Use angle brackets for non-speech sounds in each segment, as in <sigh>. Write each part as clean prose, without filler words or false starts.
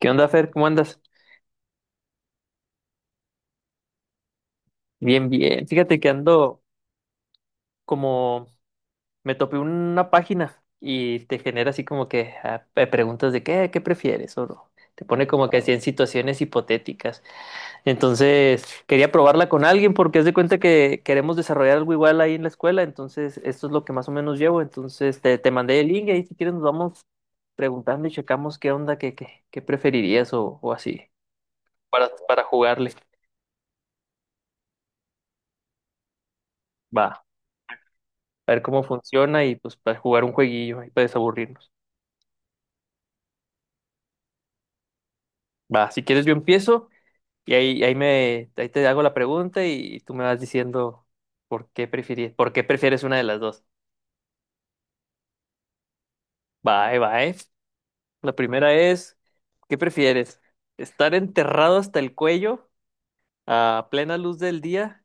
¿Qué onda, Fer? ¿Cómo andas? Bien, bien. Fíjate que ando como me topé una página y te genera así como que preguntas de qué prefieres o no. Te pone como que así en situaciones hipotéticas. Entonces, quería probarla con alguien porque haz de cuenta que queremos desarrollar algo igual ahí en la escuela. Entonces, esto es lo que más o menos llevo. Entonces, te mandé el link y ahí si quieres nos vamos preguntando y checamos qué onda, qué preferirías o así para jugarle. Va. A ver cómo funciona y pues para jugar un jueguillo ahí para desaburrirnos. Va, si quieres yo empiezo y ahí te hago la pregunta y tú me vas diciendo por qué prefieres una de las dos. Va, ahí va, La primera es, ¿qué prefieres? ¿Estar enterrado hasta el cuello a plena luz del día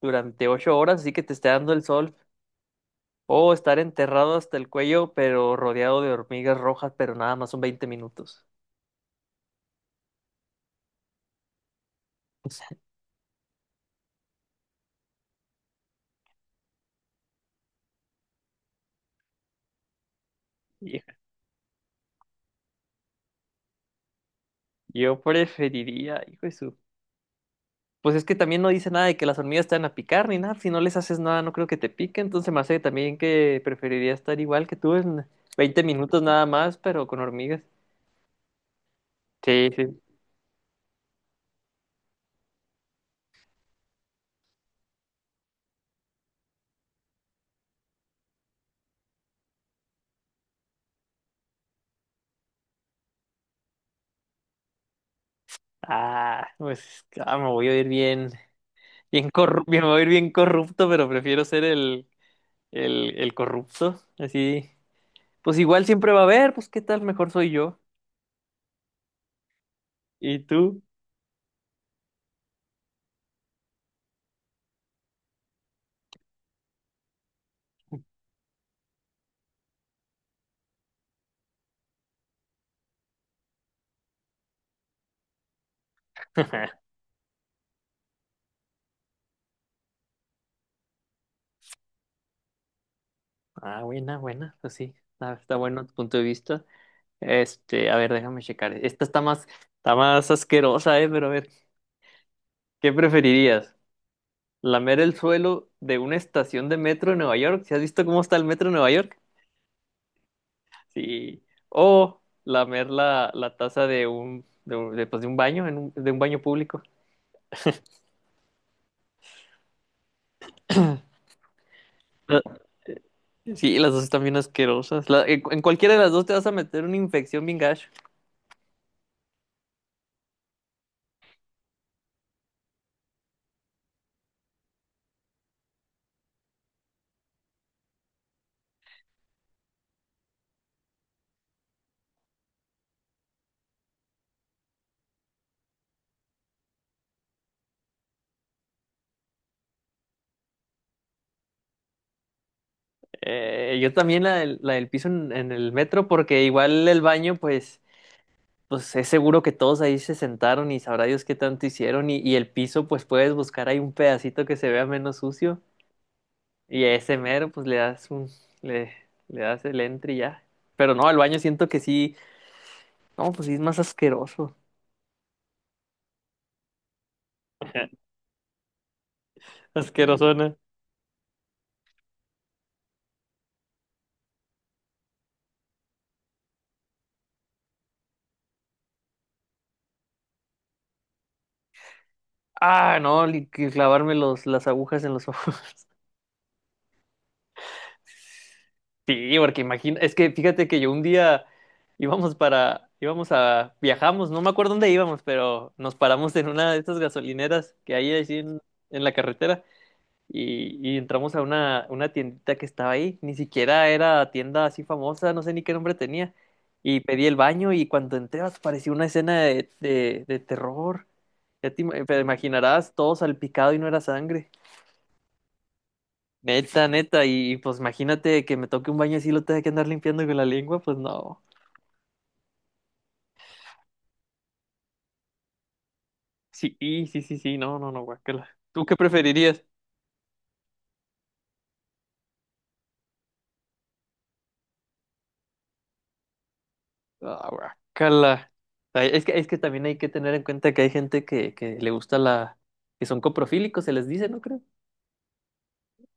durante 8 horas, así que te esté dando el sol? O estar enterrado hasta el cuello, pero rodeado de hormigas rojas, pero nada más son 20 minutos. <laughs> Yo preferiría, hijo de su. Pues es que también no dice nada de que las hormigas te van a picar ni nada. Si no les haces nada, no creo que te pique. Entonces me hace también que preferiría estar igual que tú en 20 minutos nada más, pero con hormigas. Sí, sí. Me voy a ir bien, bien corrupto, me voy a ir bien corrupto, pero prefiero ser el corrupto. Así, pues igual siempre va a haber, pues qué tal, mejor soy yo. ¿Y tú? <laughs> Ah, buena, buena, pues sí. Ah, está bueno tu punto de vista. Este, a ver, déjame checar. Esta está más asquerosa, ¿eh? Pero a ver, ¿qué preferirías? ¿Lamer el suelo de una estación de metro en Nueva York? ¿Si has visto cómo está el metro en Nueva York? Sí. O lamer la taza de pues, de un baño, en de un baño público. La- Sí, las dos están bien asquerosas. En cualquiera de las dos te vas a meter una infección bien gacho. Yo también la del piso en el metro, porque igual el baño, pues. Pues es seguro que todos ahí se sentaron y sabrá Dios qué tanto hicieron y el piso pues puedes buscar ahí un pedacito que se vea menos sucio y a ese mero pues le, le das el entre y ya. Pero no, el baño siento que sí, no, pues sí es más asqueroso, asquerosona. Ah, no, que clavarme las agujas en los ojos. <laughs> Sí, porque imagino, es que fíjate que yo un día íbamos para, íbamos a, viajamos, no me acuerdo dónde íbamos, pero nos paramos en una de estas gasolineras que hay así en la carretera. Y, y entramos a una tiendita que estaba ahí, ni siquiera era tienda así famosa, no sé ni qué nombre tenía, y pedí el baño y cuando entré pues, parecía una escena de terror, ya te imaginarás todo salpicado y no era sangre, neta, neta, y pues imagínate que me toque un baño así y lo tenga que andar limpiando con la lengua, pues no, sí, sí, sí, sí, no, no, no, guácala. ¿Tú qué preferirías? Ah, guácala. Es que también hay que tener en cuenta que hay gente que le gusta la... Que son coprofílicos, se les dice, ¿no creo?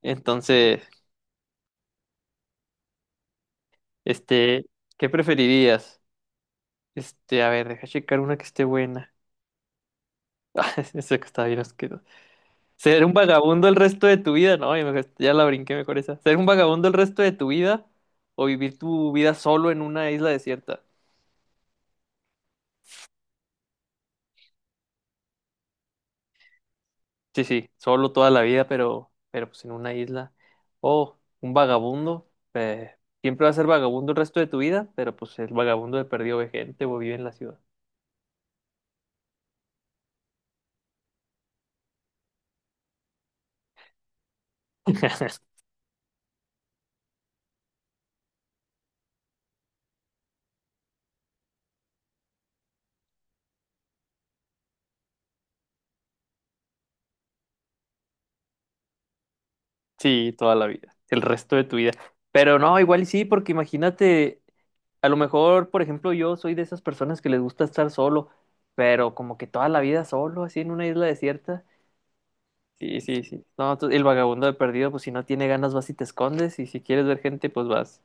Entonces, este, ¿qué preferirías? Este, a ver, deja checar una que esté buena. <laughs> Ah, esa que está bien asquerosa. ¿Ser un vagabundo el resto de tu vida? No, ya la brinqué mejor esa. ¿Ser un vagabundo el resto de tu vida o vivir tu vida solo en una isla desierta? Sí, sí, solo toda la vida, pero pues en una isla. O un vagabundo, eh, siempre va a ser vagabundo el resto de tu vida, pero pues el vagabundo de perdido ve gente o vive en la ciudad. <laughs> Sí, toda la vida, el resto de tu vida. Pero no, igual y sí, porque imagínate, a lo mejor, por ejemplo, yo soy de esas personas que les gusta estar solo, pero como que toda la vida solo, así en una isla desierta. Sí, sí, sí. No, el vagabundo de perdido, pues si no tiene ganas vas y te escondes, y si quieres ver gente, pues vas.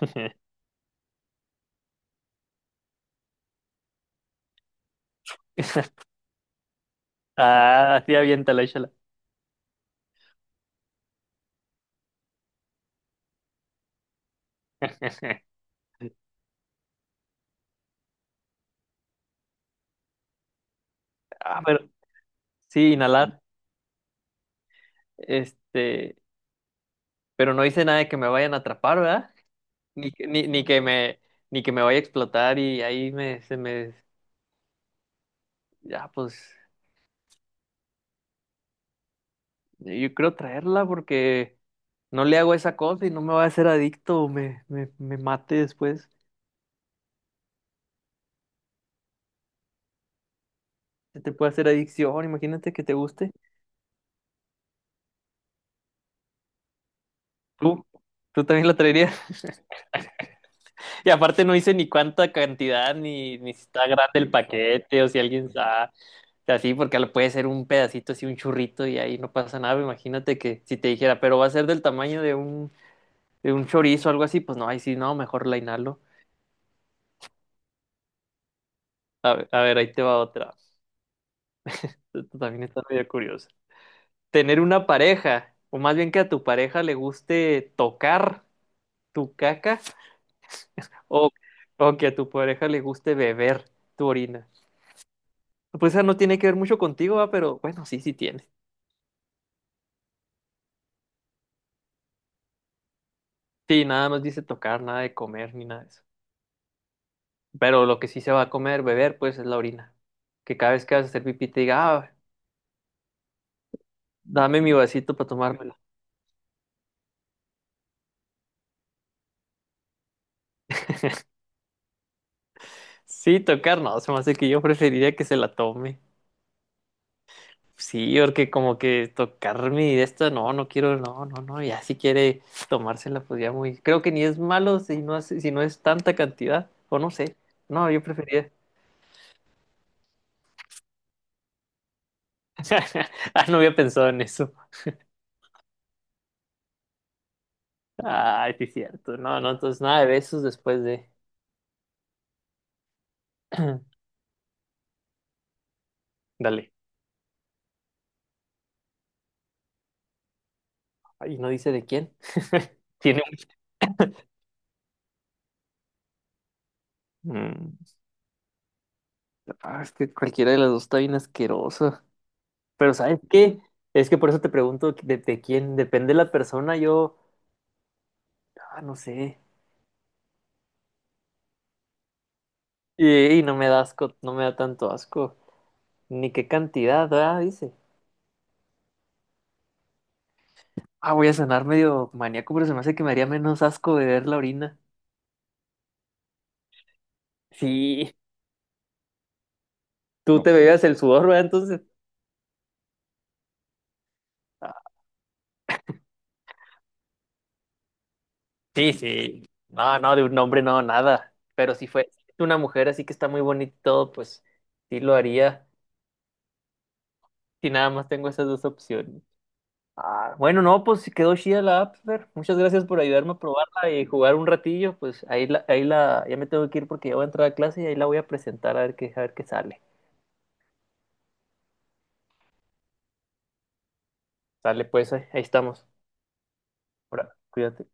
<laughs> Ah, sí, aviéntala, échala. <laughs> Ah, pero sí, inhalar. Este, pero no hice nada de que me vayan a atrapar, ¿verdad? Ni que ni que me vaya a explotar y ahí me, se me, ya, pues, yo creo traerla porque no le hago esa cosa y no me va a hacer adicto o me mate después. Se te puede hacer adicción, imagínate que te guste. Tú, Tú también la traerías. <laughs> Y aparte no hice ni cuánta cantidad, ni si está grande el paquete o si alguien sabe. Así, porque lo puede ser un pedacito así, un churrito y ahí no pasa nada. Imagínate que si te dijera, pero va a ser del tamaño de de un chorizo o algo así, pues no, ahí sí, no, mejor la inhalo. A ver, ahí te va otra. Esto también está medio curioso. Tener una pareja, o más bien que a tu pareja le guste tocar tu caca, <laughs> o, o que a tu pareja le guste beber tu orina. Pues esa no tiene que ver mucho contigo, ¿va? Pero bueno, sí, sí tiene. Sí, nada más dice tocar, nada de comer, ni nada de eso. Pero lo que sí se va a comer, beber, pues es la orina. Que cada vez que vas a hacer pipí te diga, ah, dame mi vasito para tomármela. Sí, tocar, no, se me hace que yo preferiría que se la tome. Sí, porque como que tocar mi de esto, no, no quiero, no, no, no, ya si quiere tomársela, pues ya muy. Creo que ni es malo si no, si no es tanta cantidad, o no sé. No, yo preferiría. <laughs> Ah, no había pensado en eso. Ay, sí, cierto. No, no, entonces nada de besos después de. <clears throat> Dale. Ay, no dice de quién. Tiene. Mm. Ah, es que cualquiera de las dos está bien asquerosa. Pero ¿sabes qué? Es que por eso te pregunto de quién depende la persona. Yo, ah, no sé. Y no me da asco, no me da tanto asco. Ni qué cantidad, ah, dice. Ah, voy a sonar medio maníaco, pero se me hace que me haría menos asco beber la orina. Sí, tú no. Te bebías el sudor, ¿verdad? Entonces. Ah, sí, sí. No, no, de un hombre no, nada. Pero si fue una mujer así que está muy bonito, pues sí lo haría. Si nada más tengo esas dos opciones. Ah, bueno, no, pues sí quedó chida la app, Fer. Muchas gracias por ayudarme a probarla y jugar un ratillo. Pues ahí la, ya me tengo que ir porque ya voy a entrar a clase y ahí la voy a presentar a ver qué sale. Sale, pues, ahí ahí estamos. Ahora, cuídate.